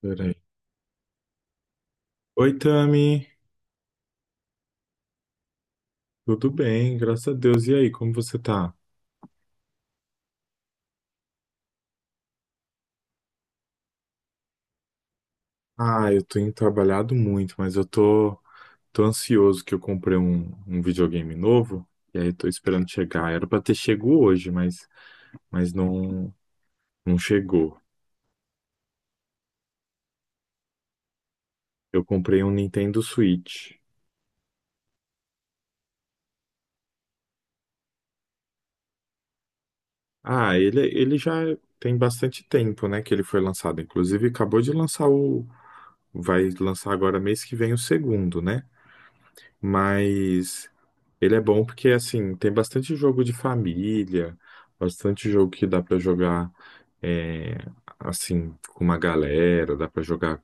Peraí. Oi, Tami. Tudo bem? Graças a Deus. E aí, como você tá? Ah, eu tenho trabalhado muito, mas tô ansioso que eu comprei um videogame novo. E aí, tô esperando chegar. Era pra ter chego hoje, mas não chegou. Eu comprei um Nintendo Switch. Ah, ele já tem bastante tempo, né, que ele foi lançado. Inclusive, acabou de lançar o. Vai lançar agora mês que vem o segundo, né? Mas ele é bom porque, assim, tem bastante jogo de família, bastante jogo que dá pra jogar, é, assim, com uma galera, dá pra jogar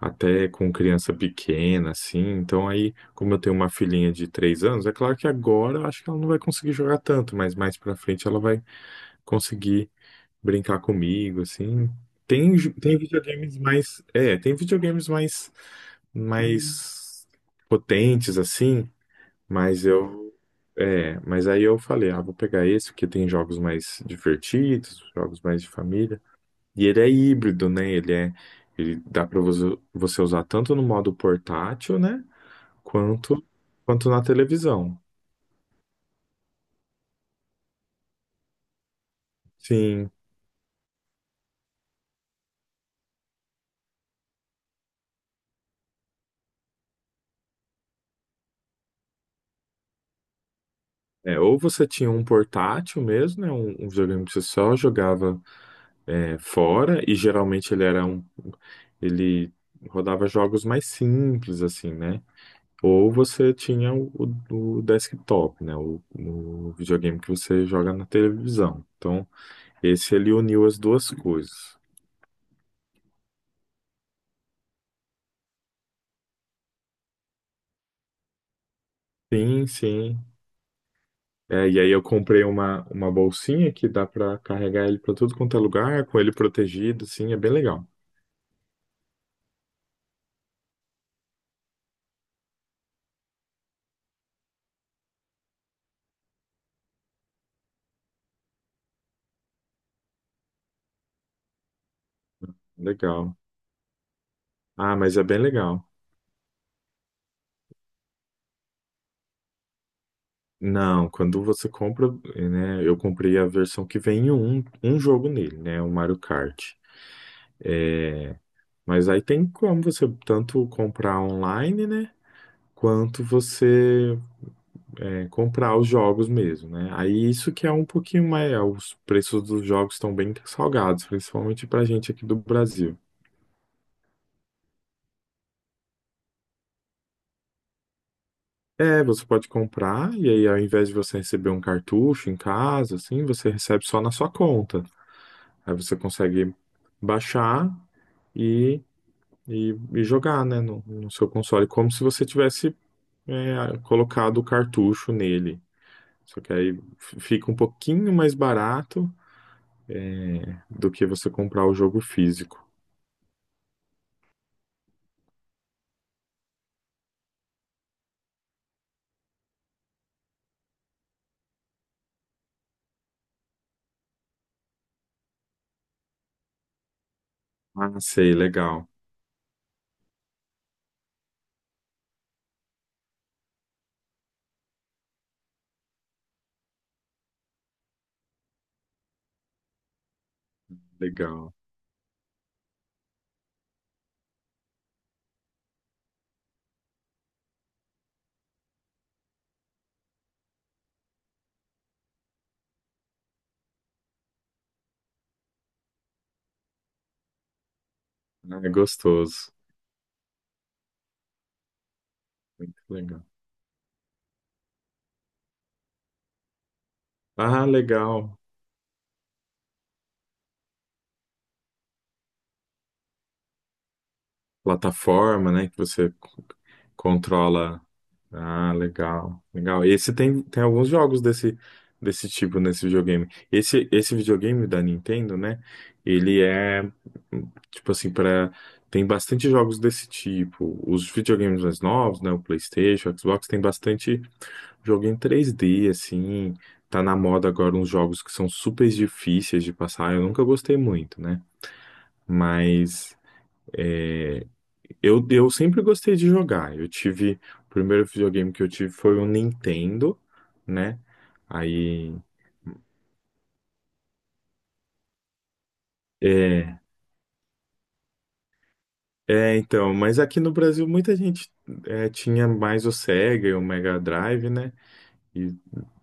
até com criança pequena, assim. Então, aí, como eu tenho uma filhinha de 3 anos, é claro que agora eu acho que ela não vai conseguir jogar tanto, mas mais pra frente ela vai conseguir brincar comigo, assim. Tem, tem videogames mais. É, tem videogames mais mais potentes, assim. Mas eu, mas aí eu falei, ah, vou pegar esse, porque tem jogos mais divertidos, jogos mais de família. E ele é híbrido, né? Ele dá para você usar tanto no modo portátil, né? Quanto, quanto na televisão. Sim. É, ou você tinha um portátil mesmo, né? Um videogame que você só jogava fora, e geralmente ele rodava jogos mais simples, assim, né? Ou você tinha o desktop, né? O videogame que você joga na televisão. Então, esse ele uniu as duas coisas. Sim. É, e aí eu comprei uma bolsinha que dá para carregar ele para tudo quanto é lugar, com ele protegido, sim, é bem legal. Legal. Ah, mas é bem legal. Não, quando você compra, né? Eu comprei a versão que vem um jogo nele, né? O Mario Kart. É, mas aí tem como você tanto comprar online, né? Quanto você comprar os jogos mesmo, né? Aí isso que é um pouquinho mais. Os preços dos jogos estão bem salgados, principalmente pra gente aqui do Brasil. É, você pode comprar e aí ao invés de você receber um cartucho em casa, assim, você recebe só na sua conta. Aí você consegue baixar e, e jogar, né, no seu console, como se você tivesse colocado o cartucho nele. Só que aí fica um pouquinho mais barato do que você comprar o jogo físico. Ah, sei, legal, legal. Ah, é gostoso, muito legal. Ah, legal. Plataforma, né? Controla. Ah, legal, legal. Esse tem, tem alguns jogos desse tipo nesse videogame. Esse videogame da Nintendo, né? Ele é tipo assim para tem bastante jogos desse tipo. Os videogames mais novos, né? O PlayStation, o Xbox tem bastante jogo em 3D, assim. Tá na moda agora uns jogos que são super difíceis de passar. Eu nunca gostei muito, né? Mas é, eu sempre gostei de jogar. Eu tive. O primeiro videogame que eu tive foi o Nintendo, né? Aí. É, então. Mas aqui no Brasil muita gente tinha mais o Sega e o Mega Drive, né? E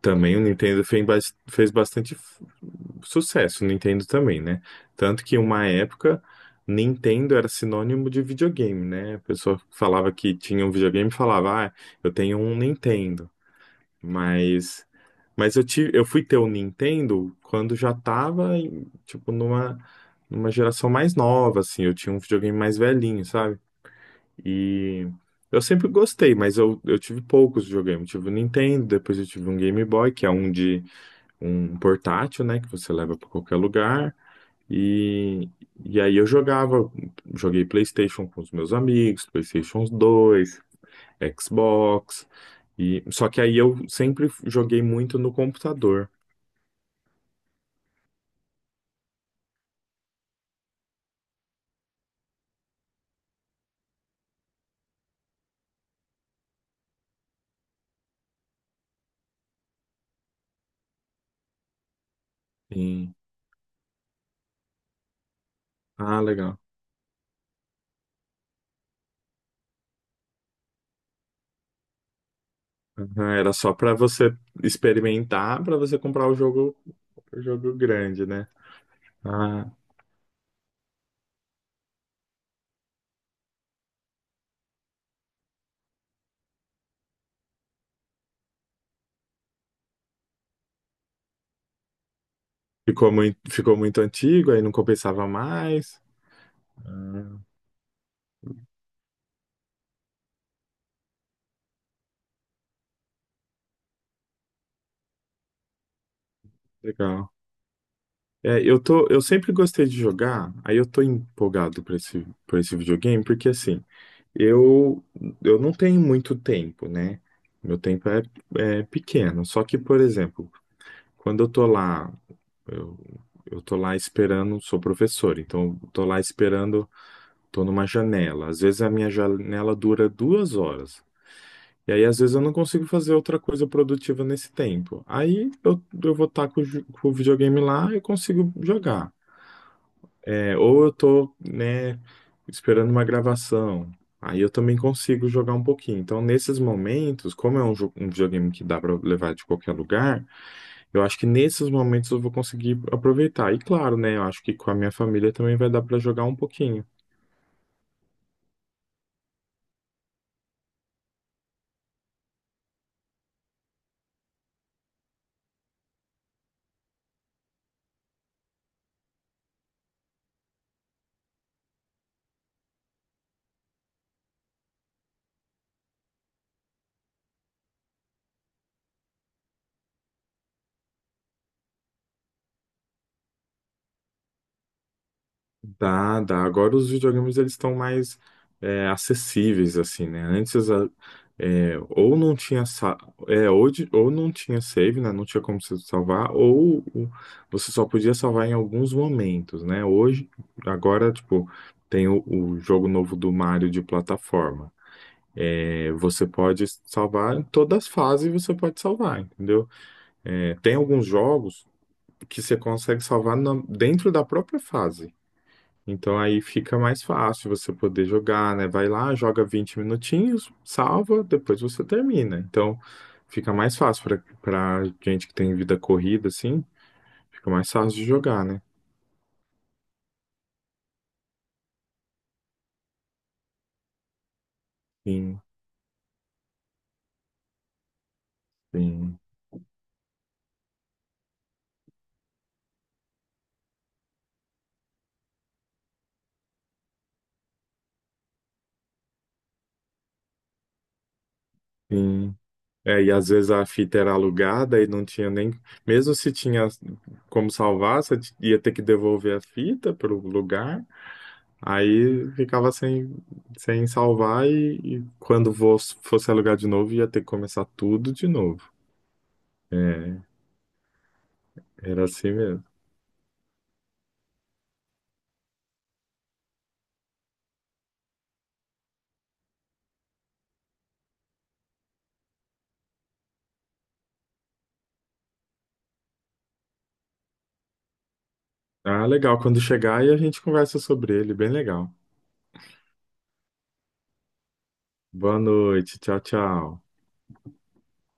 também o Nintendo fez, fez bastante sucesso, o Nintendo também, né? Tanto que uma época. Nintendo era sinônimo de videogame, né? A pessoa falava que tinha um videogame e falava, ah, eu tenho um Nintendo. Mas Mas eu tive, eu fui ter o Nintendo quando já tava, em, tipo, numa geração mais nova, assim. Eu tinha um videogame mais velhinho, sabe? E eu sempre gostei, mas eu tive poucos videogames. Eu tive o Nintendo, depois eu tive um Game Boy, que é um de um portátil, né? Que você leva pra qualquer lugar. E, e aí eu jogava, joguei PlayStation com os meus amigos, PlayStation 2, Xbox. E, só que aí eu sempre joguei muito no computador. Ah, legal. Aham, era só pra você experimentar, pra você comprar o jogo grande, né? Ah, ficou muito antigo, aí não compensava mais. Ah, legal. É, eu tô, eu sempre gostei de jogar, aí eu tô empolgado pra esse videogame, porque assim, eu, eu não tenho muito tempo, né? Meu tempo é, é pequeno. Só que, por exemplo, quando eu tô lá, eu, eu tô lá esperando, sou professor, então eu tô lá esperando. Tô numa janela. Às vezes a minha janela dura 2 horas. E aí, às vezes, eu não consigo fazer outra coisa produtiva nesse tempo. Eu vou estar com, o com o videogame lá e consigo jogar. É, ou eu tô, né, esperando uma gravação. Aí eu também consigo jogar um pouquinho. Então, nesses momentos, como é um, um videogame que dá para levar de qualquer lugar, eu acho que nesses momentos eu vou conseguir aproveitar. E claro, né, eu acho que com a minha família também vai dar para jogar um pouquinho. Dá, dá. Agora os videogames eles estão mais acessíveis, assim, né? Ou não tinha ou, ou não tinha save, né? Não tinha como você salvar, você só podia salvar em alguns momentos, né? Hoje, agora, tipo, tem o jogo novo do Mario de plataforma. É, você pode salvar em todas as fases, você pode salvar, entendeu? É, tem alguns jogos que você consegue salvar dentro da própria fase. Então aí fica mais fácil você poder jogar, né? Vai lá, joga 20 minutinhos, salva, depois você termina. Então fica mais fácil para para gente que tem vida corrida, assim, fica mais fácil de jogar, né? Sim, sim, sim. É, e às vezes a fita era alugada e não tinha nem. Mesmo se tinha como salvar, você ia ter que devolver a fita para o lugar. Aí ficava sem salvar e quando fosse alugar de novo, ia ter que começar tudo de novo. Era assim mesmo. Ah, legal. Quando chegar aí a gente conversa sobre ele. Bem legal. Boa noite. Tchau, tchau.